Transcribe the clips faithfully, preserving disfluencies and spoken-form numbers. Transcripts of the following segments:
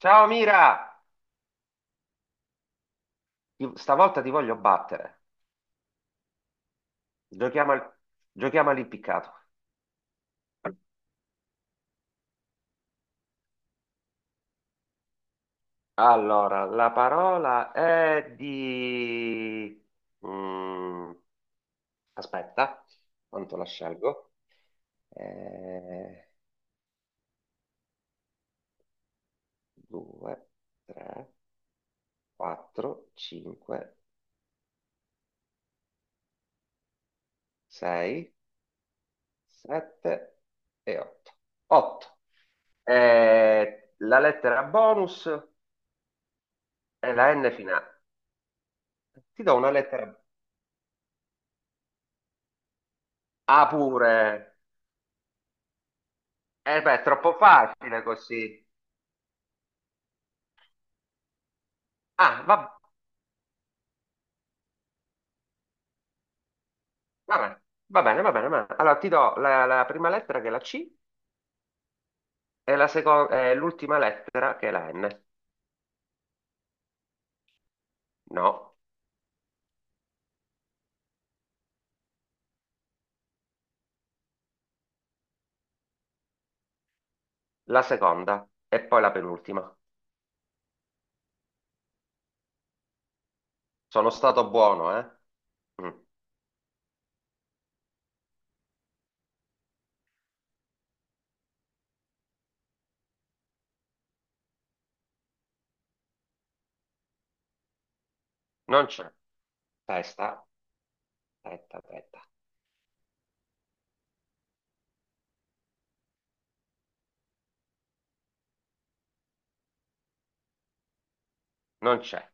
Ciao Mira, Ti- stavolta ti voglio battere. Giochiamo, al... Giochiamo all'impiccato. Allora, la parola è di... Mm, aspetta, quanto la scelgo? Eh, due, tre, quattro, cinque, sei, sette e otto. otto. Eh, la lettera bonus è la N finale. Ti do una lettera A pure. Eh beh, è troppo facile così. Ah, va, va bene, va bene, va bene, va bene. Allora ti do la, la prima lettera che è la C e la seco- e l'ultima lettera che è la N. No, la seconda e poi la penultima. Sono stato buono, eh? Mm. Non c'è. Testa, testa, testa. Non c'è.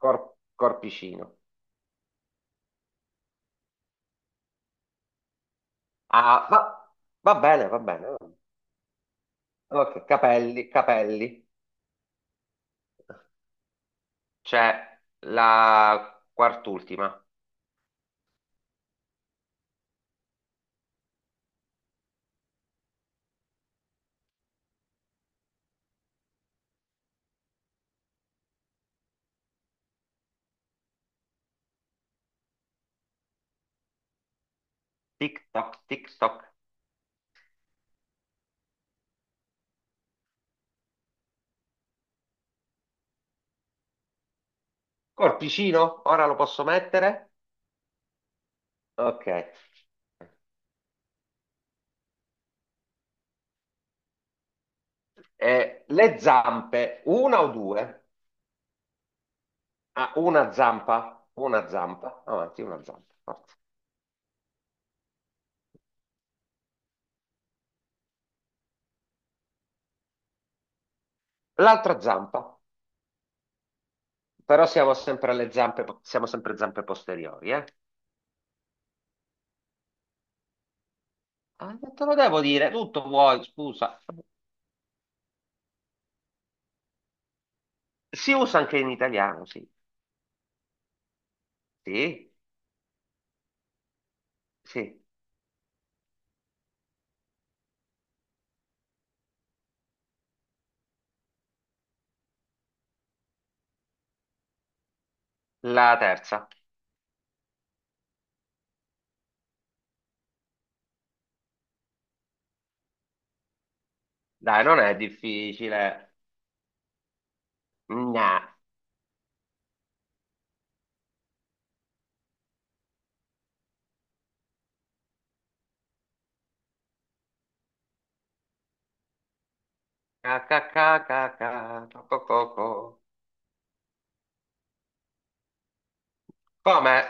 Cor- corpicino. Ah, va, va bene, va bene. Va bene. Ok, capelli, capelli. C'è la quart'ultima. Tic toc, tic toc. Col piscino, ora lo posso mettere? Ok. Eh, le zampe, una o due? Ah, una zampa, una zampa, avanti, una zampa. Forza. L'altra zampa, però siamo sempre alle zampe, siamo sempre zampe posteriori, eh? Ah, non te lo devo dire, tutto vuoi, scusa. Si usa anche in italiano, sì. Sì, sì. La terza. Dai, non è difficile. Gna. Ca, ca, ca, ca, ca, co, co, co, co. Come?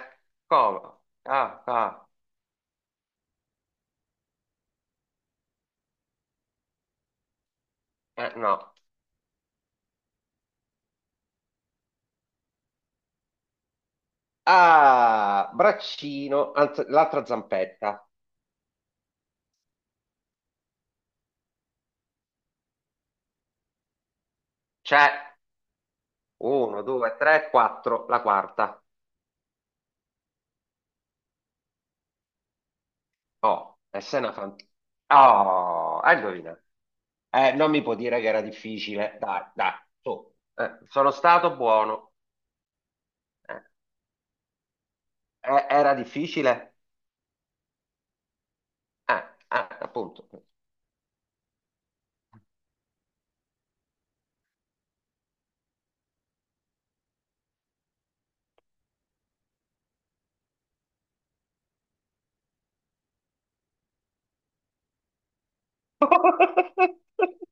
Come? Ah, ah, eh, no. Ah, braccino, anzi, l'altra zampetta. C'è uno, due, tre, quattro, la quarta. Oh, e se una fan... Oh, hai indovinato. Eh, non mi può dire che era difficile. Dai, dai, su. Eh, sono stato buono. Eh, eh, Era difficile? Eh, eh, Appunto.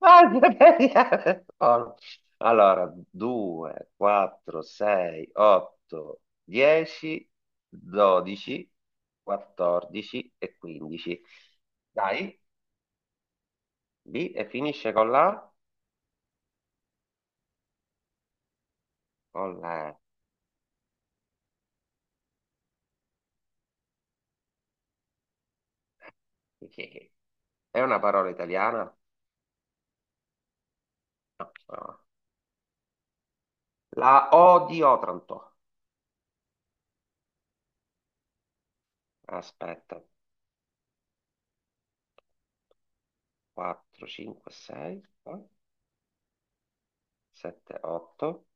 Ah, Siberia. Oh. Allora, due, quattro, sei, otto, dieci, dodici, quattordici e quindici. Dai, B e finisce con la? Con la E. Che- È una parola italiana? No. No. La O di Otranto. Aspetta, quattro, cinque, sei, sette, otto,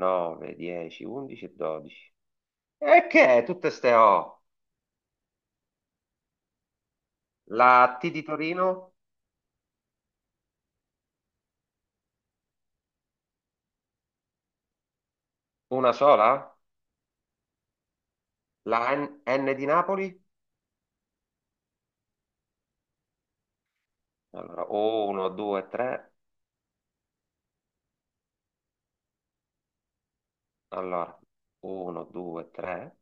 nove, dieci, undici e dodici. E che tutte ste O? La T di Torino? Una sola? La N, N di Napoli? Allora, uno, due, tre. Allora, uno, due, tre,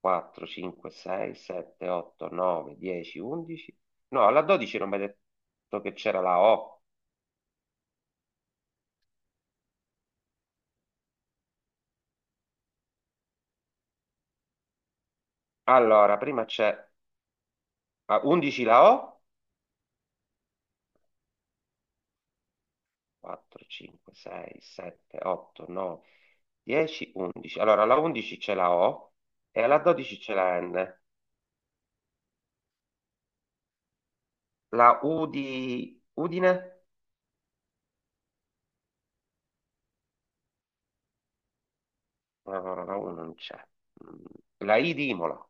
quattro, cinque, sei, sette, otto, nove, dieci, undici. No, alla dodici non mi hai detto che c'era la O. Allora, prima c'è a undici la O. quattro, cinque, sei, sette, otto, nove, dieci, undici. Allora, alla undici c'è la O e alla dodici c'è la N. La U di Udine? No, no, no, la U non c'è. Mm, La I di Imola.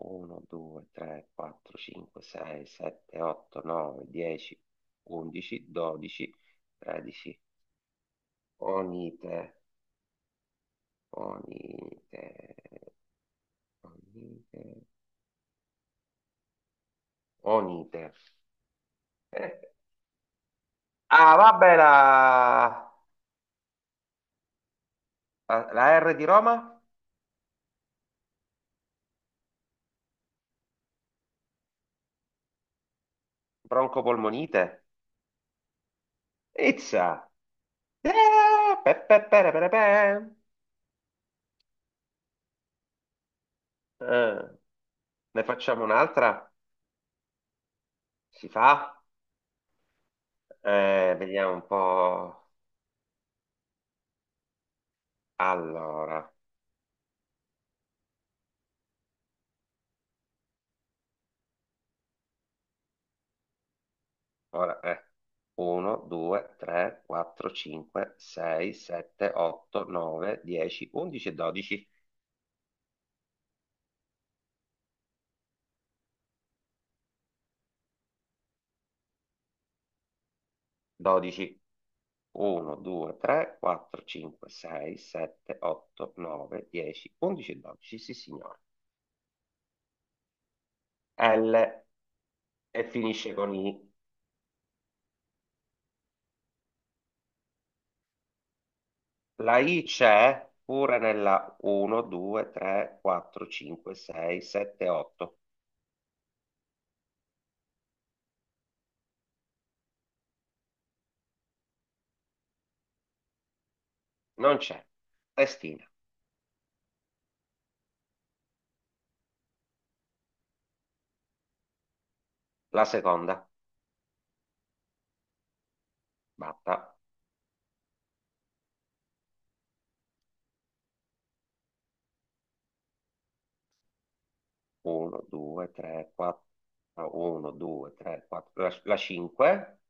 uno, due, tre, quattro, cinque, sei, sette, otto, nove, dieci, undici, dodici, tredici. Onite, onite, onite, onite. Eh, Ah, vabbè, la, la, la R di Roma? Broncopolmonite. Izza. Eh, Pe, pe, pe, re, pe, re, pe. Eh. Ne facciamo un'altra? Si fa? Eh, vediamo un po'. Allora, ora è uno, due, tre, quattro, cinque, sei, sette, otto, nove, dieci, undici e dodici. dodici. uno, due, tre, quattro, cinque, sei, sette, otto, nove, dieci, undici e dodici. Sì, signore. L e finisce con I. La I c'è pure nella uno, due, tre, quattro, cinque, sei, sette, otto. Non c'è. Testina. La seconda. Batta. uno, due, tre, quattro. uno, due, tre, quattro. La, la cinque.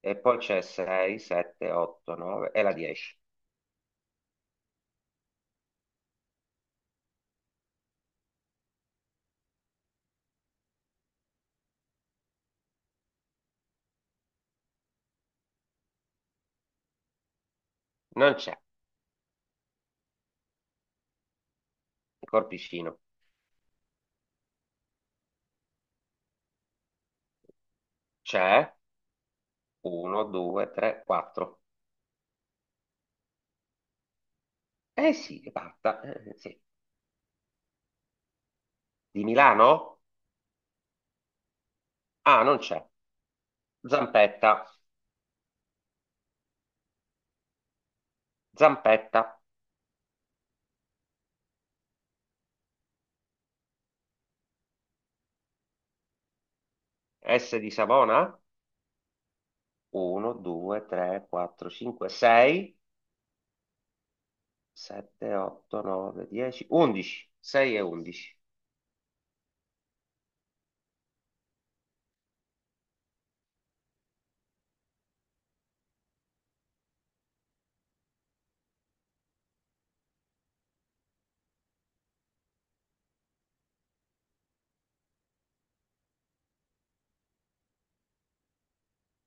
E poi c'è sei, sette, otto, nove e la dieci. Non c'è. Il corpicino. C'è. uno, due, tre, quattro. Eh sì, è batta. Eh, sì. Di Milano? Ah, non c'è. Zampetta. Zampetta. S di Savona? uno, due, tre, quattro, cinque, sei. sette, otto, nove, dieci, undici. sei e undici.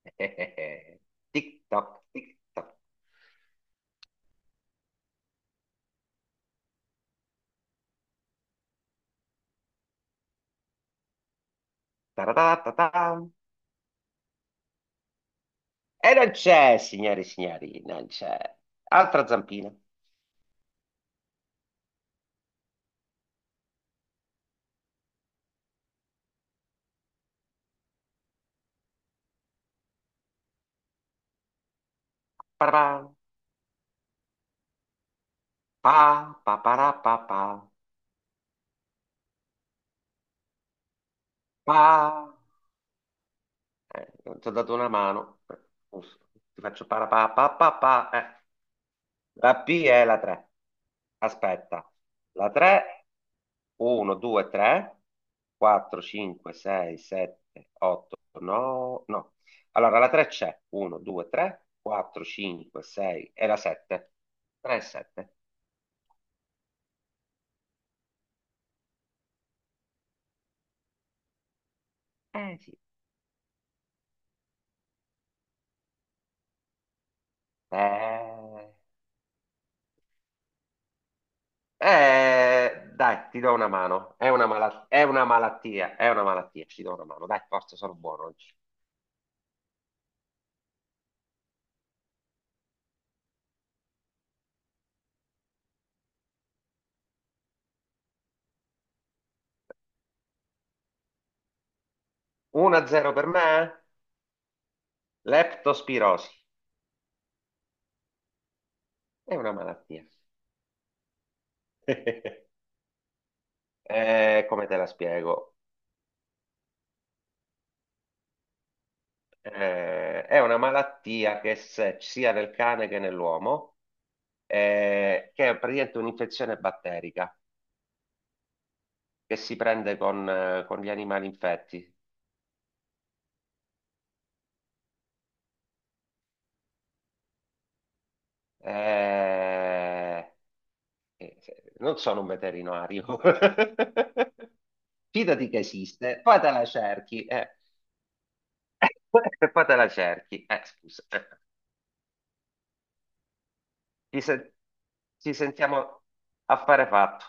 Tic toc, tic toc. Taratatatam. E non c'è, signore e signori, non c'è. Altra zampina. Parapà, pa, pa, para, pa, pa, pa. Eh, non ti ho dato una mano. Eh, giusto. Ti faccio para, pa, pa, pa, pa. Eh. La P è la tre. Aspetta. La tre, uno, due, tre, quattro, cinque, sei, sette, otto, nove. No. Allora, la tre c'è. uno, due, tre, quattro, cinque, sei e la sette. tre e sette. Eh sì. Eh, eh, Dai, ti do una mano. È una mala- è una malattia, è una malattia. Ci do una mano. Dai, forza, sono buono oggi. uno zero per me. Leptospirosi. È una malattia. Eh, come te la spiego? Eh, è una malattia che se- sia nel cane che nell'uomo, eh, che è praticamente un'infezione batterica che si prende con, eh, con gli animali infetti. Eh, eh, Non sono un veterinario. Fidati che esiste, poi te la cerchi, eh. E poi te la cerchi. Eh, scusa. Ci, sen- Ci sentiamo, affare fatto.